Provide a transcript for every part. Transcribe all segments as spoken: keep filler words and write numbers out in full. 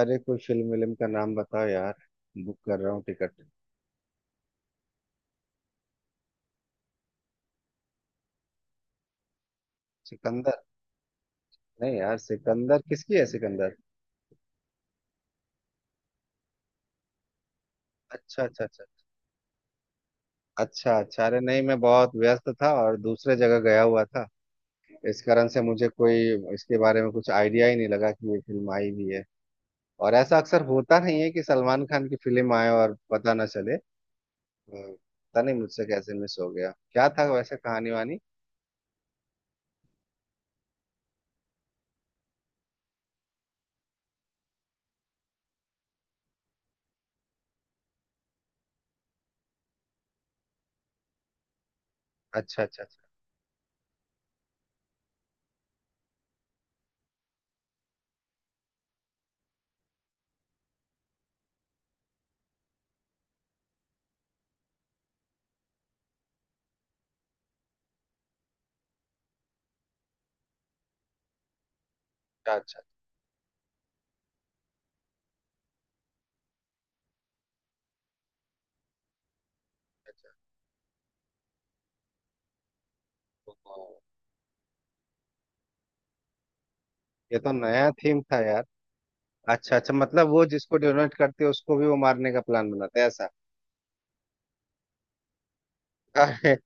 अरे कोई फिल्म विल्म का नाम बताओ यार। बुक कर रहा हूँ टिकट। सिकंदर। नहीं यार, सिकंदर किसकी है सिकंदर? अच्छा, अच्छा, अच्छा, अच्छा, अच्छा। अरे नहीं, मैं बहुत व्यस्त था और दूसरे जगह गया हुआ था। इस कारण से मुझे कोई इसके बारे में कुछ आइडिया ही नहीं लगा कि ये फिल्म आई भी है। और ऐसा अक्सर होता नहीं है कि सलमान खान की फिल्म आए और पता ना चले। हम्म, पता नहीं मुझसे कैसे मिस हो गया, क्या था वैसे कहानी वानी। अच्छा, अच्छा, अच्छा, अच्छा, अच्छा। ओहो। ये तो नया थीम था। अच्छा अच्छा, मतलब वो जिसको डोनेट करते हैं उसको भी वो मारने का प्लान बनाते हैं ऐसा। अरे,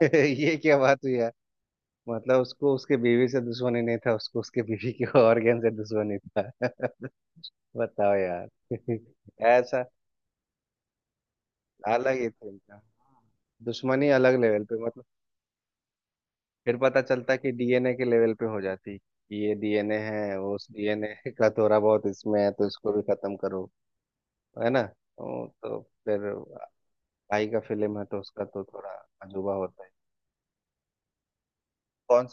ये क्या बात हुई यार। मतलब उसको उसके बीवी से दुश्मनी नहीं था, उसको उसके बीवी के ऑर्गन से दुश्मनी था। बताओ यार, ऐसा। अलग ही था इनका, दुश्मनी अलग लेवल पे मतलब। फिर पता चलता कि डीएनए के लेवल पे हो जाती कि ये डीएनए है, उस डीएनए का थोड़ा बहुत इसमें है तो इसको भी खत्म करो। है ना? तो, तो फिर भाई का फिल्म है तो उसका तो थोड़ा अजूबा होता है। कौन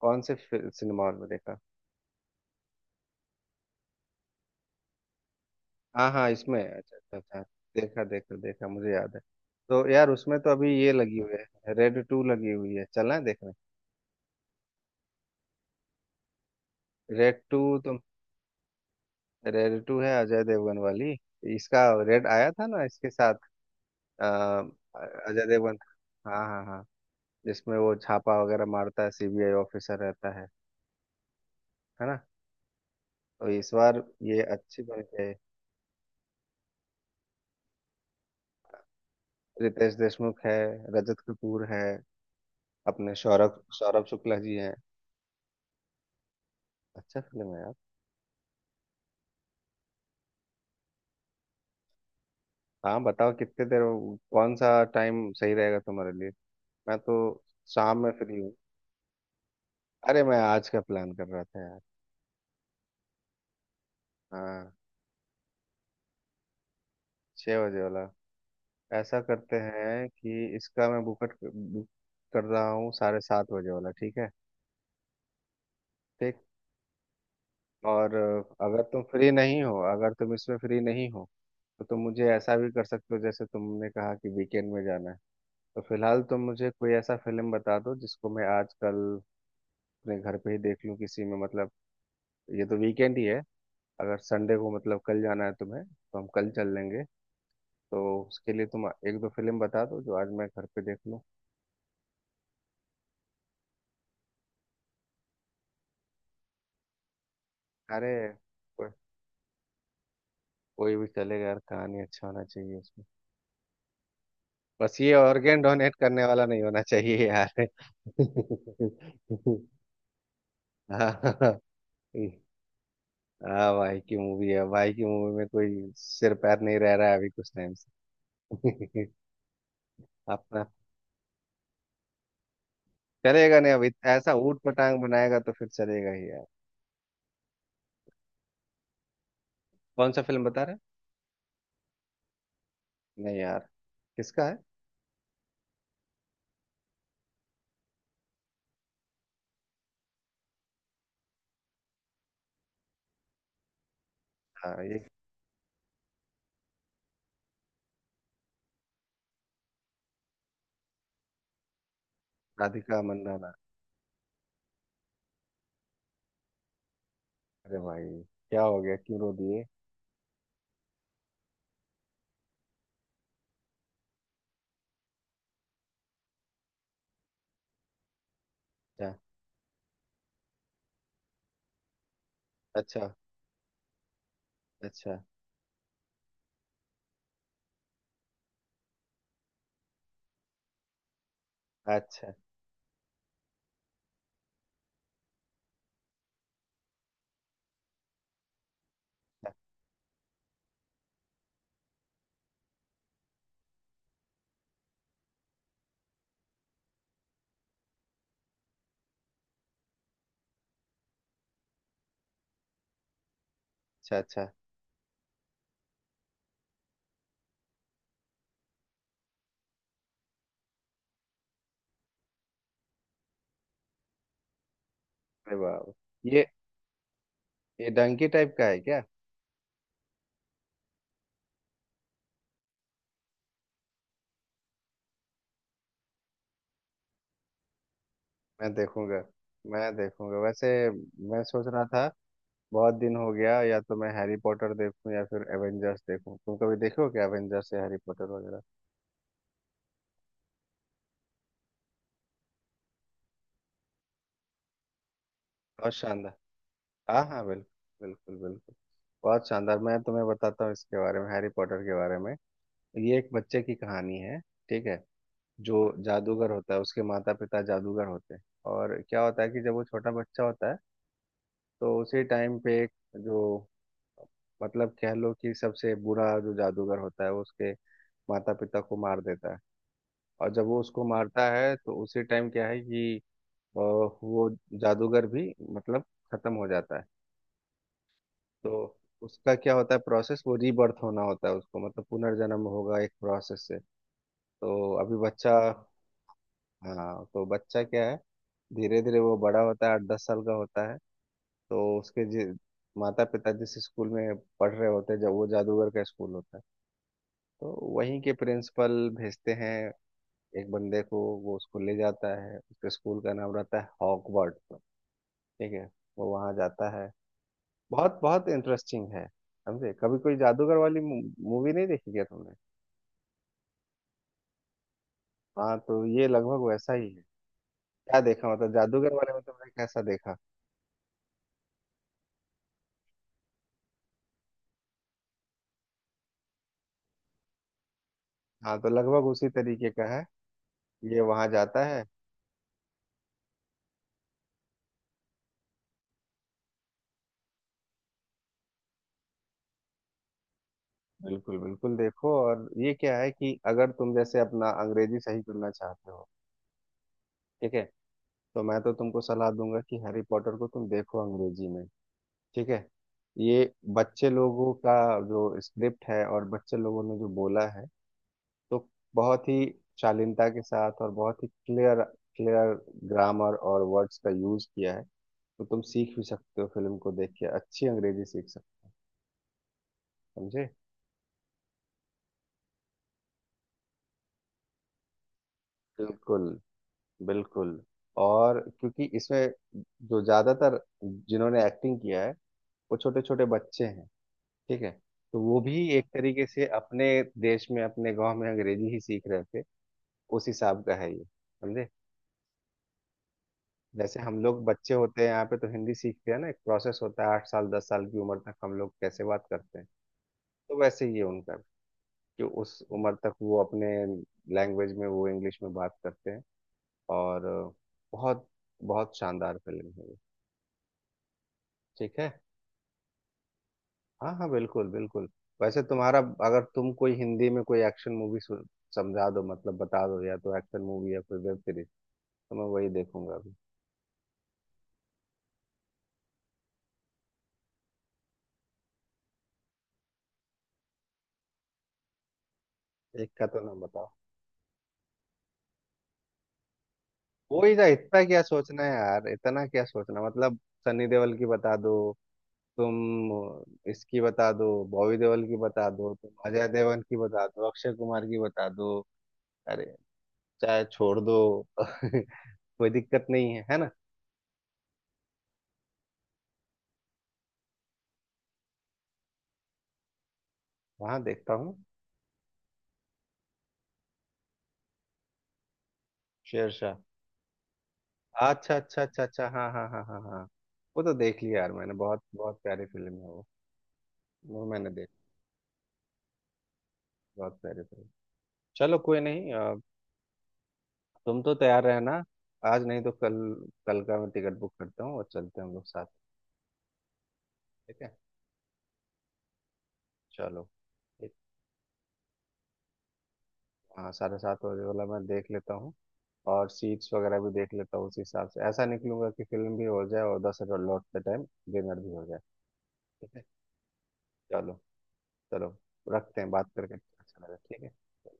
कौन से फि- सिनेमा हॉल में देखा? हाँ हाँ, इसमें, अच्छा अच्छा अच्छा। देखा देखा देखा, मुझे याद है। तो यार उसमें तो अभी ये लगी हुई है, रेड टू लगी हुई है, चलना है देखने? रेड टू तो। रेड टू है अजय देवगन वाली। इसका रेड आया था ना इसके साथ। आ, अजय देवगन। हाँ हाँ हाँ। जिसमें वो छापा वगैरह मारता है, सीबीआई ऑफिसर रहता है है ना? तो इस बार ये अच्छी बन गई। रितेश देशमुख है, रजत कपूर है, अपने सौरभ सौरभ शुक्ला जी हैं। अच्छा फिल्म है। हाँ बताओ कितने देर, कौन सा टाइम सही रहेगा तुम्हारे लिए? मैं तो शाम में फ्री हूँ। अरे मैं आज का प्लान कर रहा था यार। हाँ, छः बजे वाला। ऐसा करते हैं कि इसका मैं बुकट बुक कर रहा हूँ, साढ़े सात बजे वाला, ठीक है? ठीक। और अ, अगर तुम फ्री नहीं हो, अगर तुम इसमें फ्री नहीं हो, तो तुम मुझे ऐसा भी कर सकते हो, जैसे तुमने कहा कि वीकेंड में जाना है। तो फिलहाल तुम मुझे कोई ऐसा फिल्म बता दो जिसको मैं आज कल अपने घर पे ही देख लूँ, किसी में मतलब। ये तो वीकेंड ही है, अगर संडे को मतलब कल जाना है तुम्हें तो हम कल चल लेंगे। तो उसके लिए तुम एक दो फिल्म बता दो जो आज मैं घर पे देख लूँ। अरे को- कोई भी चलेगा यार, कहानी अच्छा होना चाहिए उसमें। बस ये ऑर्गेन डोनेट करने वाला नहीं होना चाहिए यार। हाँ। हाँ, भाई की मूवी है, भाई की मूवी में कोई सिर पैर नहीं रह रहा है अभी कुछ टाइम से। अपना चलेगा नहीं, अभी ऐसा ऊट पटांग बनाएगा तो फिर चलेगा ही यार। कौन सा फिल्म बता रहे हैं? नहीं यार, किसका है? हाँ ये। राधिका मंदाना। अरे भाई, क्या हो गया, क्यों रो दिए? अच्छा, अच्छा, अच्छा, अच्छा, अच्छा, अच्छा, अच्छा। अरे बाप, ये ये डंकी टाइप का है क्या? मैं देखूंगा। मैं देखूंगा वैसे। मैं सोच रहा था बहुत दिन हो गया, या तो मैं हैरी पॉटर देखूं या फिर एवेंजर्स देखूं। तुम कभी देखे हो क्या एवेंजर्स या हैरी पॉटर वगैरह? बहुत शानदार। हाँ हाँ, बिल्कुल बिल्कुल बिल्कुल। बहुत शानदार, मैं तुम्हें बताता हूँ इसके बारे में, हैरी पॉटर के बारे में। ये एक बच्चे की कहानी है, ठीक है? जो जादूगर होता है, उसके माता पिता जादूगर होते हैं। और क्या होता है कि जब वो छोटा बच्चा होता है, तो उसी टाइम पे एक, जो, मतलब कह लो कि सबसे बुरा जो जादूगर होता है, वो उसके माता पिता को मार देता है। और जब वो उसको मारता है तो उसी टाइम क्या है कि अ, वो जादूगर भी, मतलब, खत्म हो जाता है। तो उसका क्या होता है प्रोसेस, वो रीबर्थ होना होता है उसको, मतलब पुनर्जन्म होगा एक प्रोसेस से। तो अभी बच्चा, हाँ, तो बच्चा क्या है, धीरे धीरे वो बड़ा होता है, आठ दस साल का होता है। तो उसके जि, माता पिता जिस स्कूल में पढ़ रहे होते हैं, जब वो जादूगर का स्कूल होता है, तो वहीं के प्रिंसिपल भेजते हैं एक बंदे को, वो उसको ले जाता है, उसके स्कूल का नाम रहता है हॉगवर्ट्स। ठीक है? वो वहाँ जाता है। बहुत बहुत इंटरेस्टिंग है, समझे? कभी कोई जादूगर वाली मूवी नहीं देखी क्या तुमने? हाँ, तो ये लगभग वैसा ही है। क्या देखा मतलब, जादूगर वाले में तुमने कैसा देखा? हाँ, तो लगभग उसी तरीके का है। ये वहां जाता है। बिल्कुल बिल्कुल देखो। और ये क्या है कि अगर तुम जैसे अपना अंग्रेजी सही करना चाहते हो, ठीक है, तो मैं तो तुमको सलाह दूंगा कि हैरी पॉटर को तुम देखो अंग्रेजी में। ठीक है? ये बच्चे लोगों का जो स्क्रिप्ट है और बच्चे लोगों ने जो बोला है, तो बहुत ही शालीनता के साथ और बहुत ही क्लियर क्लियर ग्रामर और वर्ड्स का यूज किया है। तो तुम सीख भी सकते हो, फिल्म को देख के अच्छी अंग्रेजी सीख सकते हो, समझे? बिल्कुल बिल्कुल। और क्योंकि इसमें जो ज्यादातर जिन्होंने एक्टिंग किया है वो छोटे छोटे बच्चे हैं, ठीक है, तो वो भी एक तरीके से अपने देश में अपने गांव में अंग्रेजी ही सीख रहे थे, उस हिसाब का है ये, समझे? जैसे हम लोग बच्चे होते हैं यहाँ पे, तो हिंदी सीखते हैं ना, एक प्रोसेस होता है, आठ साल दस साल की उम्र तक हम लोग कैसे बात करते हैं। तो वैसे ही है उनका भी, कि उस उम्र तक वो अपने लैंग्वेज में, वो इंग्लिश में बात करते हैं। और बहुत बहुत शानदार फिल्म है ये, ठीक है? हाँ हाँ, बिल्कुल बिल्कुल। वैसे तुम्हारा, अगर तुम कोई हिंदी में कोई एक्शन मूवी समझा दो, मतलब बता दो, या तो एक्शन मूवी या कोई वेब सीरीज, तो मैं वही देखूंगा अभी। एक का तो नाम बताओ कोई ना, इतना क्या सोचना है यार, इतना क्या सोचना मतलब। सनी देओल की बता दो तुम, इसकी बता दो, बॉबी देओल की बता दो तुम, अजय देवगन की बता दो, अक्षय कुमार की बता दो। अरे चाहे छोड़ दो, कोई दिक्कत नहीं है, है ना? वहां देखता हूँ। शेरशाह? अच्छा अच्छा अच्छा अच्छा, हाँ हाँ हाँ हाँ हाँ। वो तो देख लिया यार मैंने, बहुत बहुत प्यारी फिल्म है वो। वो मैंने देखी, बहुत प्यारी फिल्म। चलो कोई नहीं अ, तुम तो तैयार रहना, आज नहीं तो कल। कल का मैं टिकट बुक करता हूँ और चलते हैं हम लोग साथ। ठीक है, चलो। ठीक। हाँ, साढ़े सात बजे वाला मैं देख लेता हूँ और सीट्स वगैरह भी देख लेता हूँ, उस हिसाब से ऐसा निकलूंगा कि फिल्म भी हो जाए और दस हजार लौटते टाइम डिनर भी हो जाए। ठीक है। चलो। चलो, रखते हैं, बात करके अच्छा लगा, ठीक है।